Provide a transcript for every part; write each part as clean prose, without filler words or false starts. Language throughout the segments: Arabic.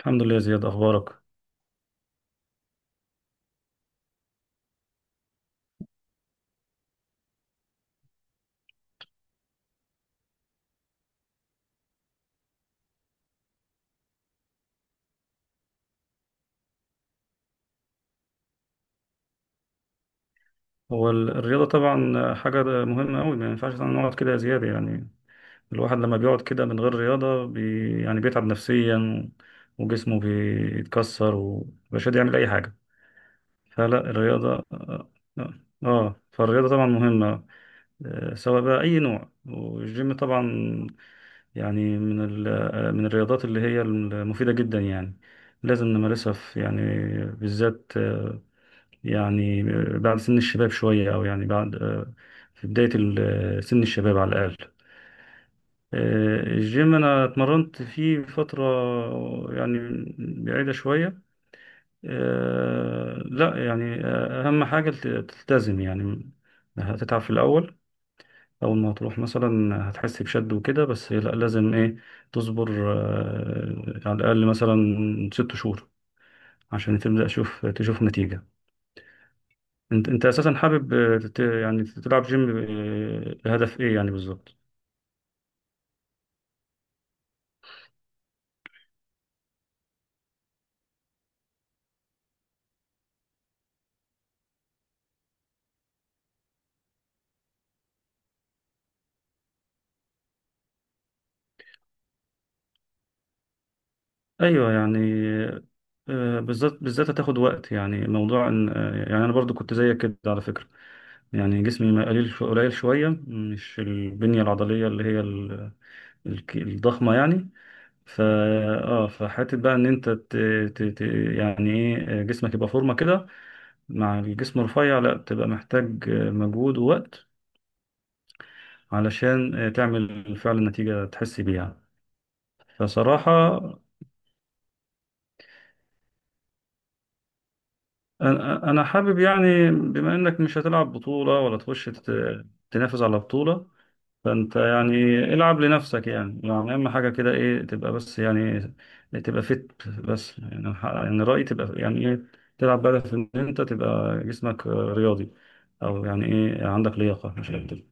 الحمد لله يا زياد، اخبارك. هو الرياضه طبعا حاجه مهمه قوي، ما ينفعش نقعد كده يا زياد يعني. الواحد لما بيقعد كده من غير رياضه يعني بيتعب نفسيا وجسمه بيتكسر ومش قادر يعمل اي حاجه. فلا الرياضه، فالرياضه طبعا مهمه. سواء بقى اي نوع، والجيم طبعا يعني من الرياضات اللي هي المفيده جدا يعني، لازم نمارسها في يعني بالذات، يعني بعد سن الشباب شوية، أو يعني بعد في بداية سن الشباب على الأقل. الجيم أنا اتمرنت فيه فترة يعني بعيدة شوية. لا يعني، أهم حاجة تلتزم يعني. هتتعب في الأول، أول ما تروح مثلا هتحس بشد وكده، بس لا لازم إيه، تصبر على الأقل مثلا ست شهور عشان تبدأ تشوف نتيجة. انت اساسا حابب يعني تلعب جيم، لهدف ايه يعني بالظبط؟ ايوه يعني. بالذات هتاخد وقت، يعني موضوع ان يعني انا برضو كنت زيك كده على فكره. يعني جسمي ما قليل شويه، مش البنيه العضليه اللي هي الضخمه يعني. ف اه فحته بقى ان انت ت... ت... يعني ايه، جسمك يبقى فورمه كده مع الجسم الرفيع، لا تبقى محتاج مجهود ووقت علشان تعمل فعلا نتيجه تحس بيها. فصراحة أنا حابب يعني، بما إنك مش هتلعب بطولة ولا تخش تنافس على بطولة، فأنت يعني العب لنفسك يعني أهم حاجة كده إيه، تبقى بس يعني تبقى بس، يعني أنا يعني رأيي تبقى يعني إيه، تلعب بهدف إن أنت تبقى جسمك رياضي، أو يعني إيه عندك لياقة مش أكتر.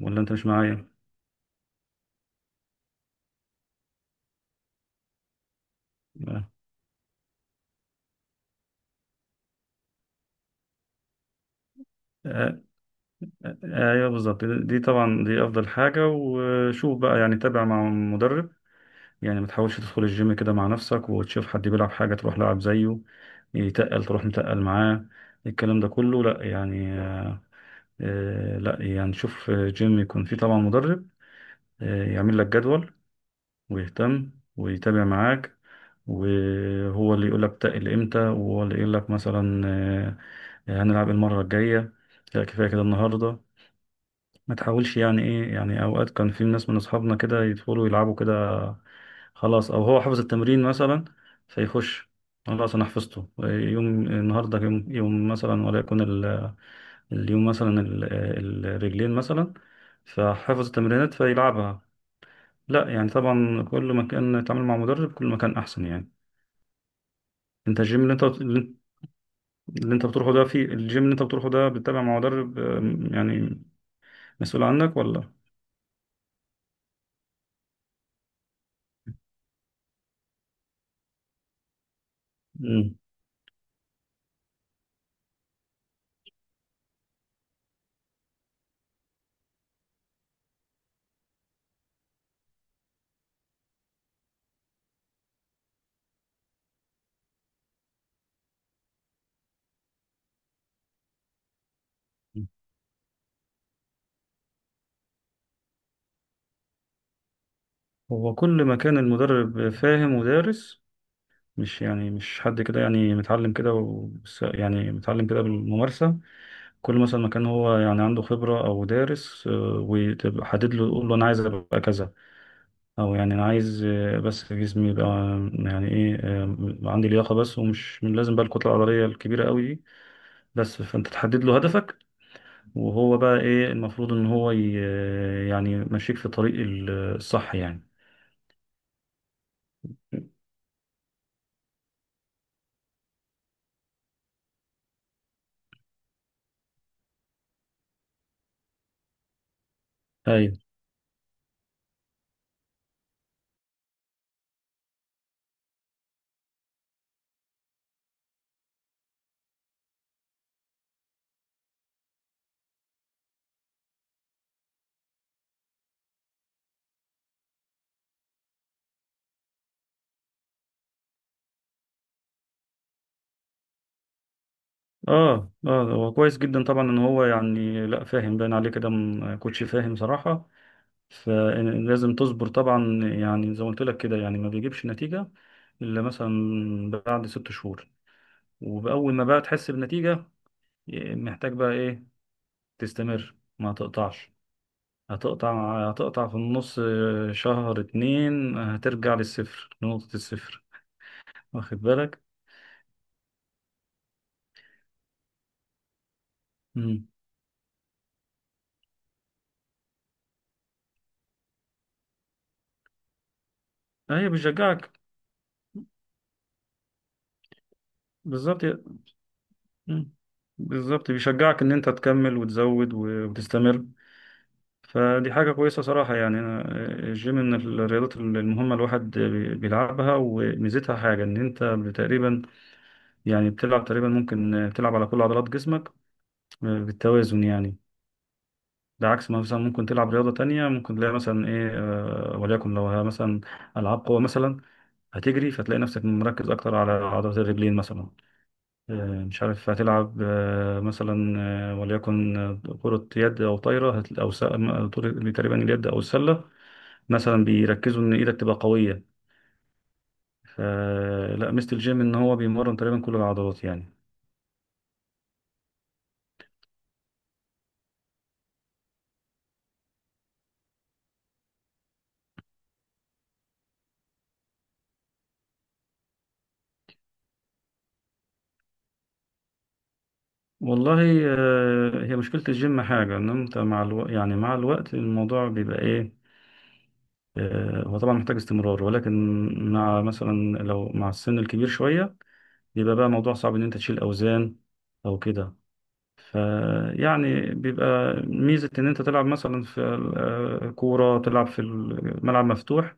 ولا أنت مش معايا؟ آه. آه، أيوه بالظبط، دي طبعا دي أفضل حاجة. وشوف بقى يعني تابع مع مدرب، يعني ما تحاولش تدخل الجيم كده مع نفسك وتشوف حد بيلعب حاجة تروح لعب زيه، يتقل تروح متقل معاه، الكلام ده كله لا يعني. لا يعني شوف، جيم يكون فيه طبعا مدرب يعمل لك جدول ويهتم ويتابع معاك، وهو اللي يقول لك تقل امتى، وهو اللي يقول لك مثلا هنلعب المرة الجاية، لا كفاية كده النهاردة. ما تحاولش يعني ايه، يعني اوقات كان في ناس من اصحابنا كده يدخلوا يلعبوا كده، خلاص او هو حفظ التمرين مثلا، فيخش خلاص انا حفظته، يوم النهارده يوم يوم مثلا، وليكن اليوم مثلا الرجلين مثلا، فحفظ التمرينات فيلعبها. لا يعني طبعا كل ما كان يتعامل مع مدرب كل ما كان احسن يعني. انت الجيم اللي انت بتروحه ده، في الجيم اللي انت بتروحه ده، بتتابع مع مدرب يعني مسؤول عنك ولا؟ مم. هو كل ما كان المدرب فاهم ودارس، مش يعني مش حد كده يعني متعلم كده يعني متعلم كده بالممارسة، كل مثلا ما كان هو يعني عنده خبرة أو دارس وتبقى حدد له، يقول له أنا عايز أبقى كذا، أو يعني أنا عايز بس جسمي يبقى يعني إيه عندي لياقة بس، ومش مش لازم بقى الكتلة العضلية الكبيرة قوي دي، بس. فأنت تحدد له هدفك، وهو بقى إيه المفروض إن هو ي... آه، يعني ماشيك في الطريق الصح يعني. أيوه. اه هو كويس جدا طبعا ان هو يعني، لا فاهم باين عليه كده، كوتش فاهم صراحة. فلازم تصبر طبعا، يعني زي ما قلت لك كده يعني، ما بيجيبش نتيجة الا مثلا بعد ست شهور. وبأول ما بقى تحس بنتيجة، محتاج بقى ايه، تستمر ما تقطعش، هتقطع في النص شهر اتنين هترجع للصفر، لنقطة الصفر. واخد بالك؟ مم. ايوه بيشجعك. بالظبط. مم. بالظبط بيشجعك ان انت تكمل وتزود وتستمر، فدي حاجة كويسة صراحة يعني. أنا الجيم من الرياضات المهمة الواحد بيلعبها، وميزتها حاجة إن أنت تقريبا يعني بتلعب تقريبا ممكن بتلعب على كل عضلات جسمك بالتوازن يعني. ده عكس ما مثلا ممكن تلعب رياضة تانية، ممكن تلاقي مثلا إيه، وليكن لو ها مثلا ألعاب قوة مثلا، هتجري فتلاقي نفسك مركز أكتر على عضلات الرجلين مثلا. آه، مش عارف، هتلعب مثلا وليكن كرة يد أو طايرة، أو تقريبا اليد أو السلة مثلا، بيركزوا إن إيدك تبقى قوية. فلا ميزة الجيم إن هو بيمرن تقريبا كل العضلات يعني. والله، هي مشكلة الجيم حاجة إن أنت مع الوقت، يعني مع الوقت الموضوع بيبقى إيه، هو طبعا محتاج استمرار، ولكن مع مثلا لو مع السن الكبير شوية، بيبقى بقى موضوع صعب إن أنت تشيل أوزان أو كده، فيعني بيبقى ميزة إن أنت تلعب مثلا في كورة، تلعب في الملعب مفتوح،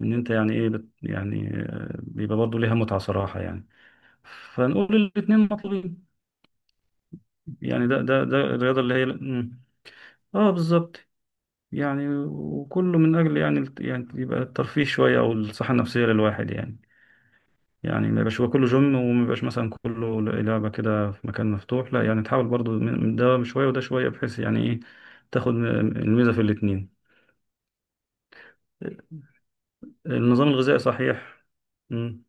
إن أنت يعني إيه يعني بيبقى برضه ليها متعة صراحة يعني. فنقول الاتنين مطلوبين يعني، ده الرياضة اللي هي بالظبط. يعني وكله من أجل يعني يعني يبقى الترفيه شوية أو الصحة النفسية للواحد يعني. يعني ما يبقاش يبقى كله جيم، وما يبقاش مثلا كله لعبة كده في مكان مفتوح، لا يعني تحاول برضو من ده شوية وده شوية، بحيث يعني ايه تاخد الميزة في الاتنين. النظام الغذائي صحيح؟ مم.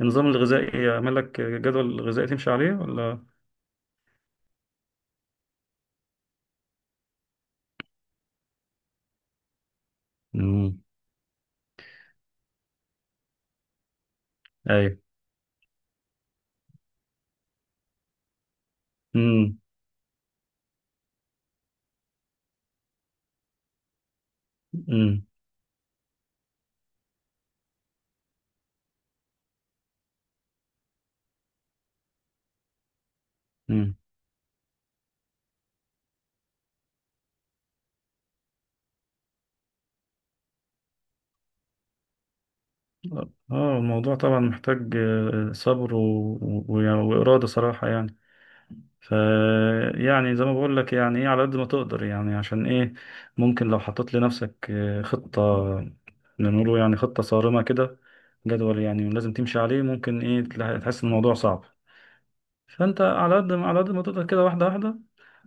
النظام الغذائي يعمل لك جدول غذائي تمشي عليه ولا؟ امم ايوه. امم امم امم اه. الموضوع طبعا محتاج صبر و... وإرادة صراحة يعني. ف يعني زي ما بقول لك يعني ايه، على قد ما تقدر يعني. عشان ايه، ممكن لو حطيت لنفسك خطة، نقوله يعني خطة صارمة كده، جدول يعني لازم تمشي عليه، ممكن ايه تحس ان الموضوع صعب. فانت على قد ما تقدر كده، واحدة واحدة،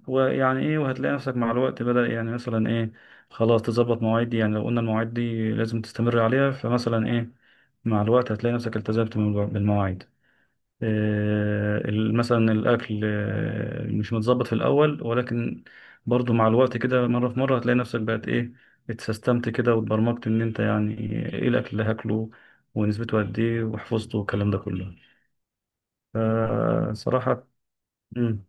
ويعني ايه، وهتلاقي نفسك مع الوقت بدأ يعني مثلا ايه خلاص تظبط مواعيد دي، يعني لو قلنا المواعيد دي لازم تستمر عليها، فمثلا ايه مع الوقت هتلاقي نفسك التزمت بالمواعيد. مثلا الأكل مش متظبط في الأول، ولكن برضو مع الوقت كده مرة في مرة هتلاقي نفسك بقت إيه، اتسيستمت كده واتبرمجت إن أنت يعني إيه الأكل اللي هاكله ونسبته قد إيه، وحفظته، والكلام ده كله، فصراحة. مم،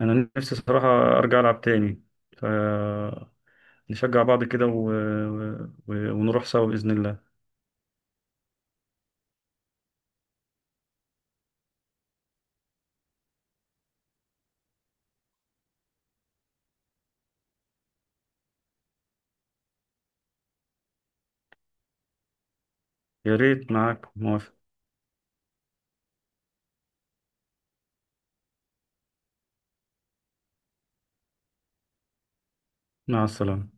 أنا نفسي صراحة أرجع ألعب تاني، فنشجع بعض كده ونروح سوا بإذن الله. يا ريت، معاك موافق. مع السلامة.